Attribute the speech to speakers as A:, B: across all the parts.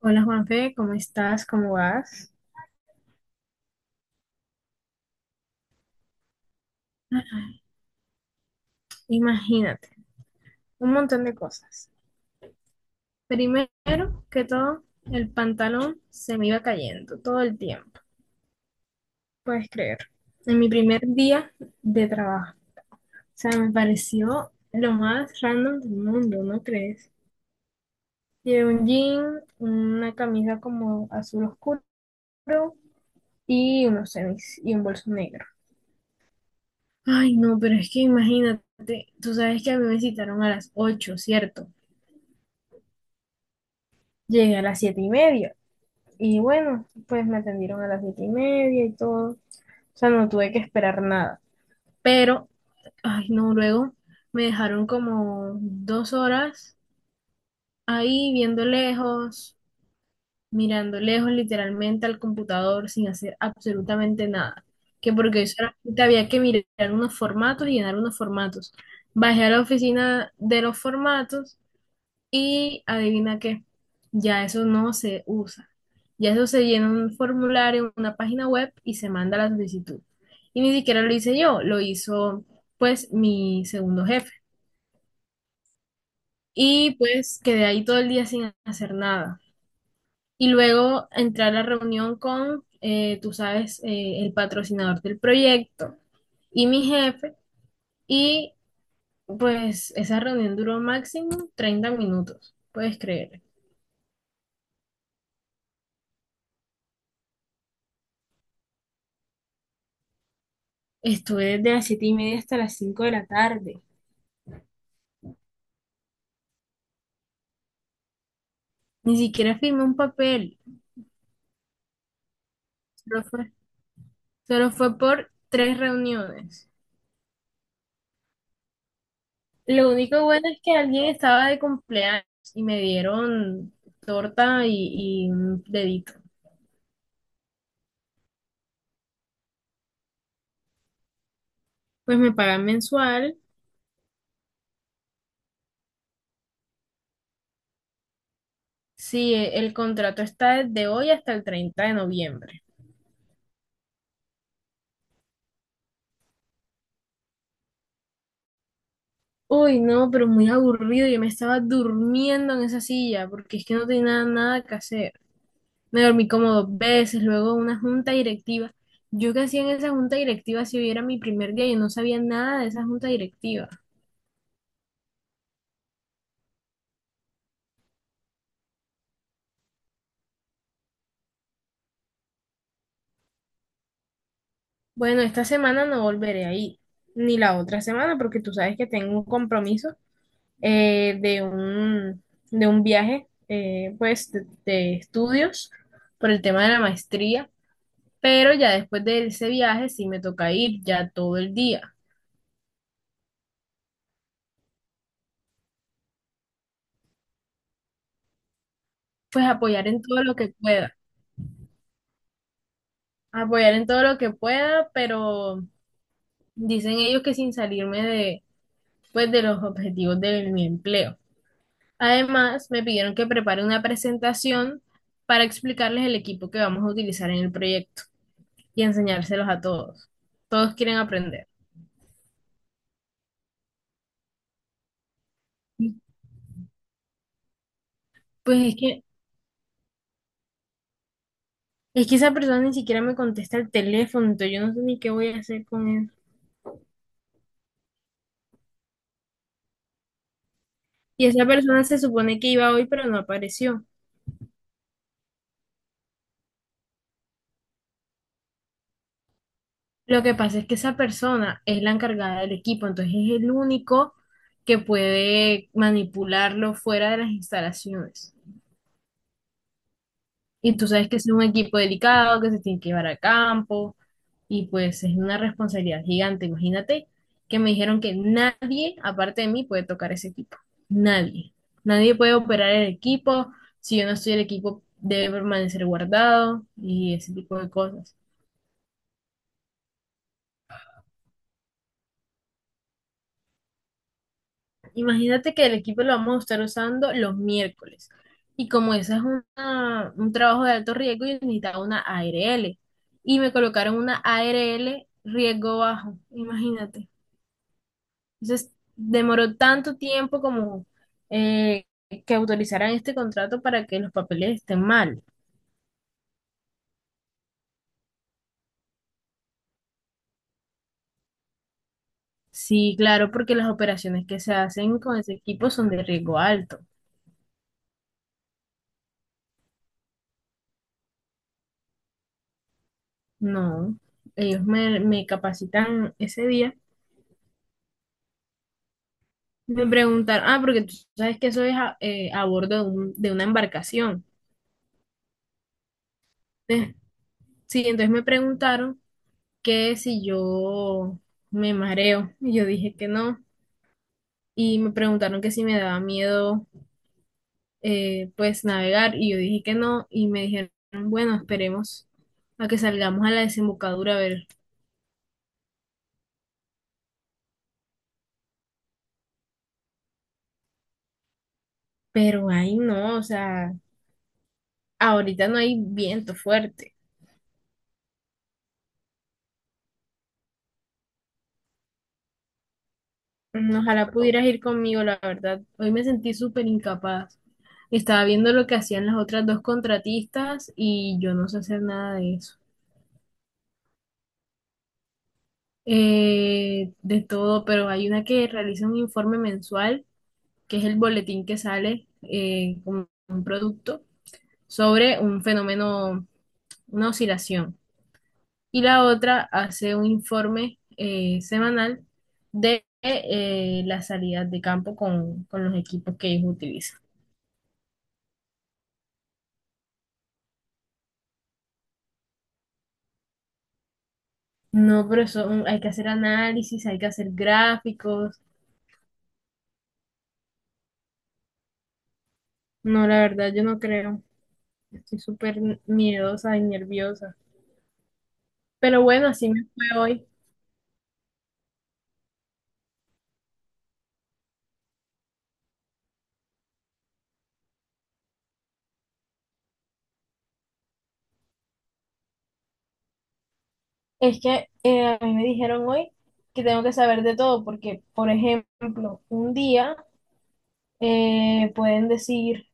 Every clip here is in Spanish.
A: Hola Juanfe, ¿cómo estás? ¿Cómo vas? Imagínate, un montón de cosas. Primero que todo, el pantalón se me iba cayendo todo el tiempo, ¿puedes creer? En mi primer día de trabajo. O sea, me pareció lo más random del mundo, ¿no crees? Llevé un jean, una camisa como azul oscuro y unos tenis y un bolso negro. Ay, no, pero es que imagínate, tú sabes que a mí me citaron a las 8, ¿cierto? Llegué a las 7:30. Y bueno, pues me atendieron a las 7:30 y todo. O sea, no tuve que esperar nada. Pero, ay, no, luego me dejaron como 2 horas ahí viendo lejos, mirando lejos literalmente al computador sin hacer absolutamente nada. Que porque solamente había que mirar unos formatos y llenar unos formatos. Bajé a la oficina de los formatos. Y adivina qué, ya eso no se usa. Ya eso se llena en un formulario, en una página web y se manda la solicitud. Y ni siquiera lo hice yo, lo hizo pues mi segundo jefe. Y pues quedé ahí todo el día sin hacer nada. Y luego entré a la reunión con, tú sabes, el patrocinador del proyecto y mi jefe. Y pues esa reunión duró máximo 30 minutos, ¿puedes creer? Estuve desde las 7:30 hasta las 5 de la tarde. Ni siquiera firmé un papel. Solo fue, solo fue por tres reuniones. Lo único bueno es que alguien estaba de cumpleaños y me dieron torta y un dedito. Pues me pagan mensual. Sí, el contrato está desde hoy hasta el 30 de noviembre. Uy, no, pero muy aburrido. Yo me estaba durmiendo en esa silla porque es que no tenía nada nada que hacer. Me dormí como dos veces, luego una junta directiva. Yo que hacía en esa junta directiva si hubiera mi primer día, yo no sabía nada de esa junta directiva. Bueno, esta semana no volveré ahí, ni la otra semana, porque tú sabes que tengo un compromiso, eh, de un, de un viaje, pues, de estudios por el tema de la maestría, pero ya después de ese viaje sí me toca ir ya todo el día, pues apoyar en todo lo que pueda, apoyar en todo lo que pueda, pero. Dicen ellos que sin salirme de, pues, de los objetivos de mi empleo. Además, me pidieron que prepare una presentación para explicarles el equipo que vamos a utilizar en el proyecto y enseñárselos a todos. Todos quieren aprender. Y, Pues es que esa persona ni siquiera me contesta el teléfono, entonces yo no sé ni qué voy a hacer con él. Y esa persona se supone que iba hoy, pero no apareció. Lo que pasa es que esa persona es la encargada del equipo, entonces es el único que puede manipularlo fuera de las instalaciones. Y tú sabes que es un equipo delicado, que se tiene que llevar a campo, y pues es una responsabilidad gigante. Imagínate que me dijeron que nadie, aparte de mí, puede tocar ese equipo. Nadie. Nadie puede operar el equipo. Si yo no estoy, el equipo debe permanecer guardado y ese tipo de cosas. Imagínate que el equipo lo vamos a estar usando los miércoles. Y como ese es un trabajo de alto riesgo, yo necesitaba una ARL. Y me colocaron una ARL riesgo bajo, imagínate. Entonces, demoró tanto tiempo como, eh, que autorizaran este contrato, para que los papeles estén mal. Sí, claro, porque las operaciones que se hacen con ese equipo son de riesgo alto. No, ellos me capacitan ese día. Me preguntaron, ah, porque tú sabes que eso es a bordo de una embarcación. Eh, sí, entonces me preguntaron que si yo me mareo. Y yo dije que no. Y me preguntaron que si me daba miedo, pues, navegar. Y yo dije que no. Y me dijeron, bueno, esperemos a que salgamos a la desembocadura a ver. Pero ahí no, o sea, ahorita no hay viento fuerte. Ojalá pudieras ir conmigo, la verdad. Hoy me sentí súper incapaz. Estaba viendo lo que hacían las otras dos contratistas y yo no sé hacer nada de eso. De todo, pero hay una que realiza un informe mensual, que es el boletín que sale, con un producto sobre un fenómeno, una oscilación. Y la otra hace un informe, semanal, de las salidas de campo con los equipos que ellos utilizan. No, pero eso, hay que hacer análisis, hay que hacer gráficos. No, la verdad, yo no creo. Estoy súper miedosa y nerviosa. Pero bueno, así me fue hoy. Es que, a mí me dijeron hoy que tengo que saber de todo, porque, por ejemplo, un día, pueden decir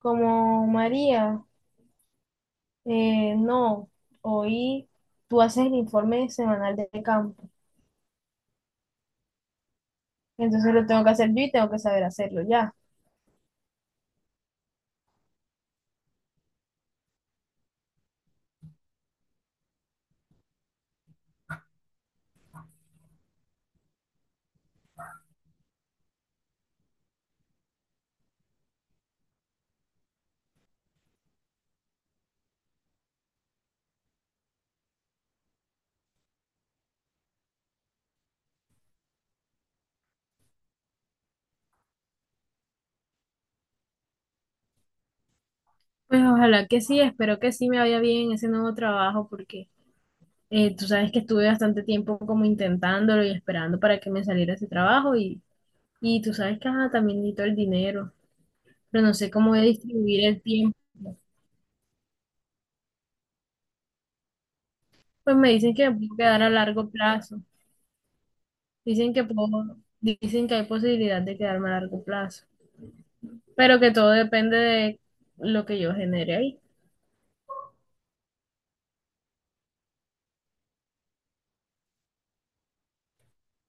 A: como: María, no, hoy tú haces el informe semanal de campo. Entonces lo tengo que hacer yo y tengo que saber hacerlo ya. Pues ojalá que sí, espero que sí me vaya bien en ese nuevo trabajo, porque, tú sabes que estuve bastante tiempo como intentándolo y esperando para que me saliera ese trabajo, y tú sabes que ajá, también necesito el dinero, pero no sé cómo voy a distribuir el tiempo. Pues me dicen que me puedo quedar a largo plazo, dicen que hay posibilidad de quedarme a largo plazo, pero que todo depende de lo que yo genere ahí.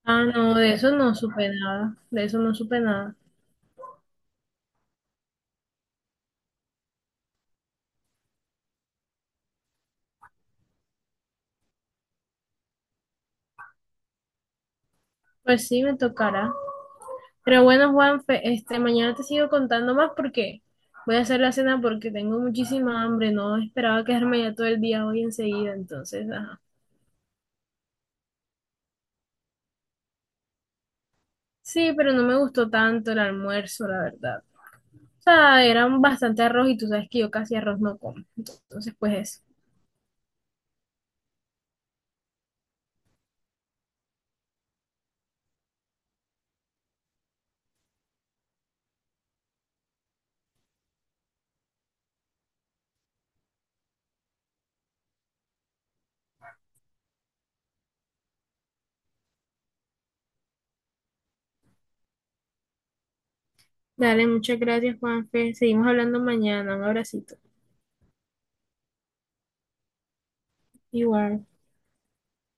A: Ah, no, de eso no supe nada, de eso no supe nada. Pues sí, me tocará. Pero bueno, Juanfe, mañana te sigo contando más porque voy a hacer la cena porque tengo muchísima hambre. No esperaba quedarme ya todo el día hoy enseguida, entonces, ajá. Sí, pero no me gustó tanto el almuerzo, la verdad. O sea, era bastante arroz y tú sabes que yo casi arroz no como. Entonces, pues eso. Dale, muchas gracias, Juanfe. Seguimos hablando mañana. Un abracito. Igual.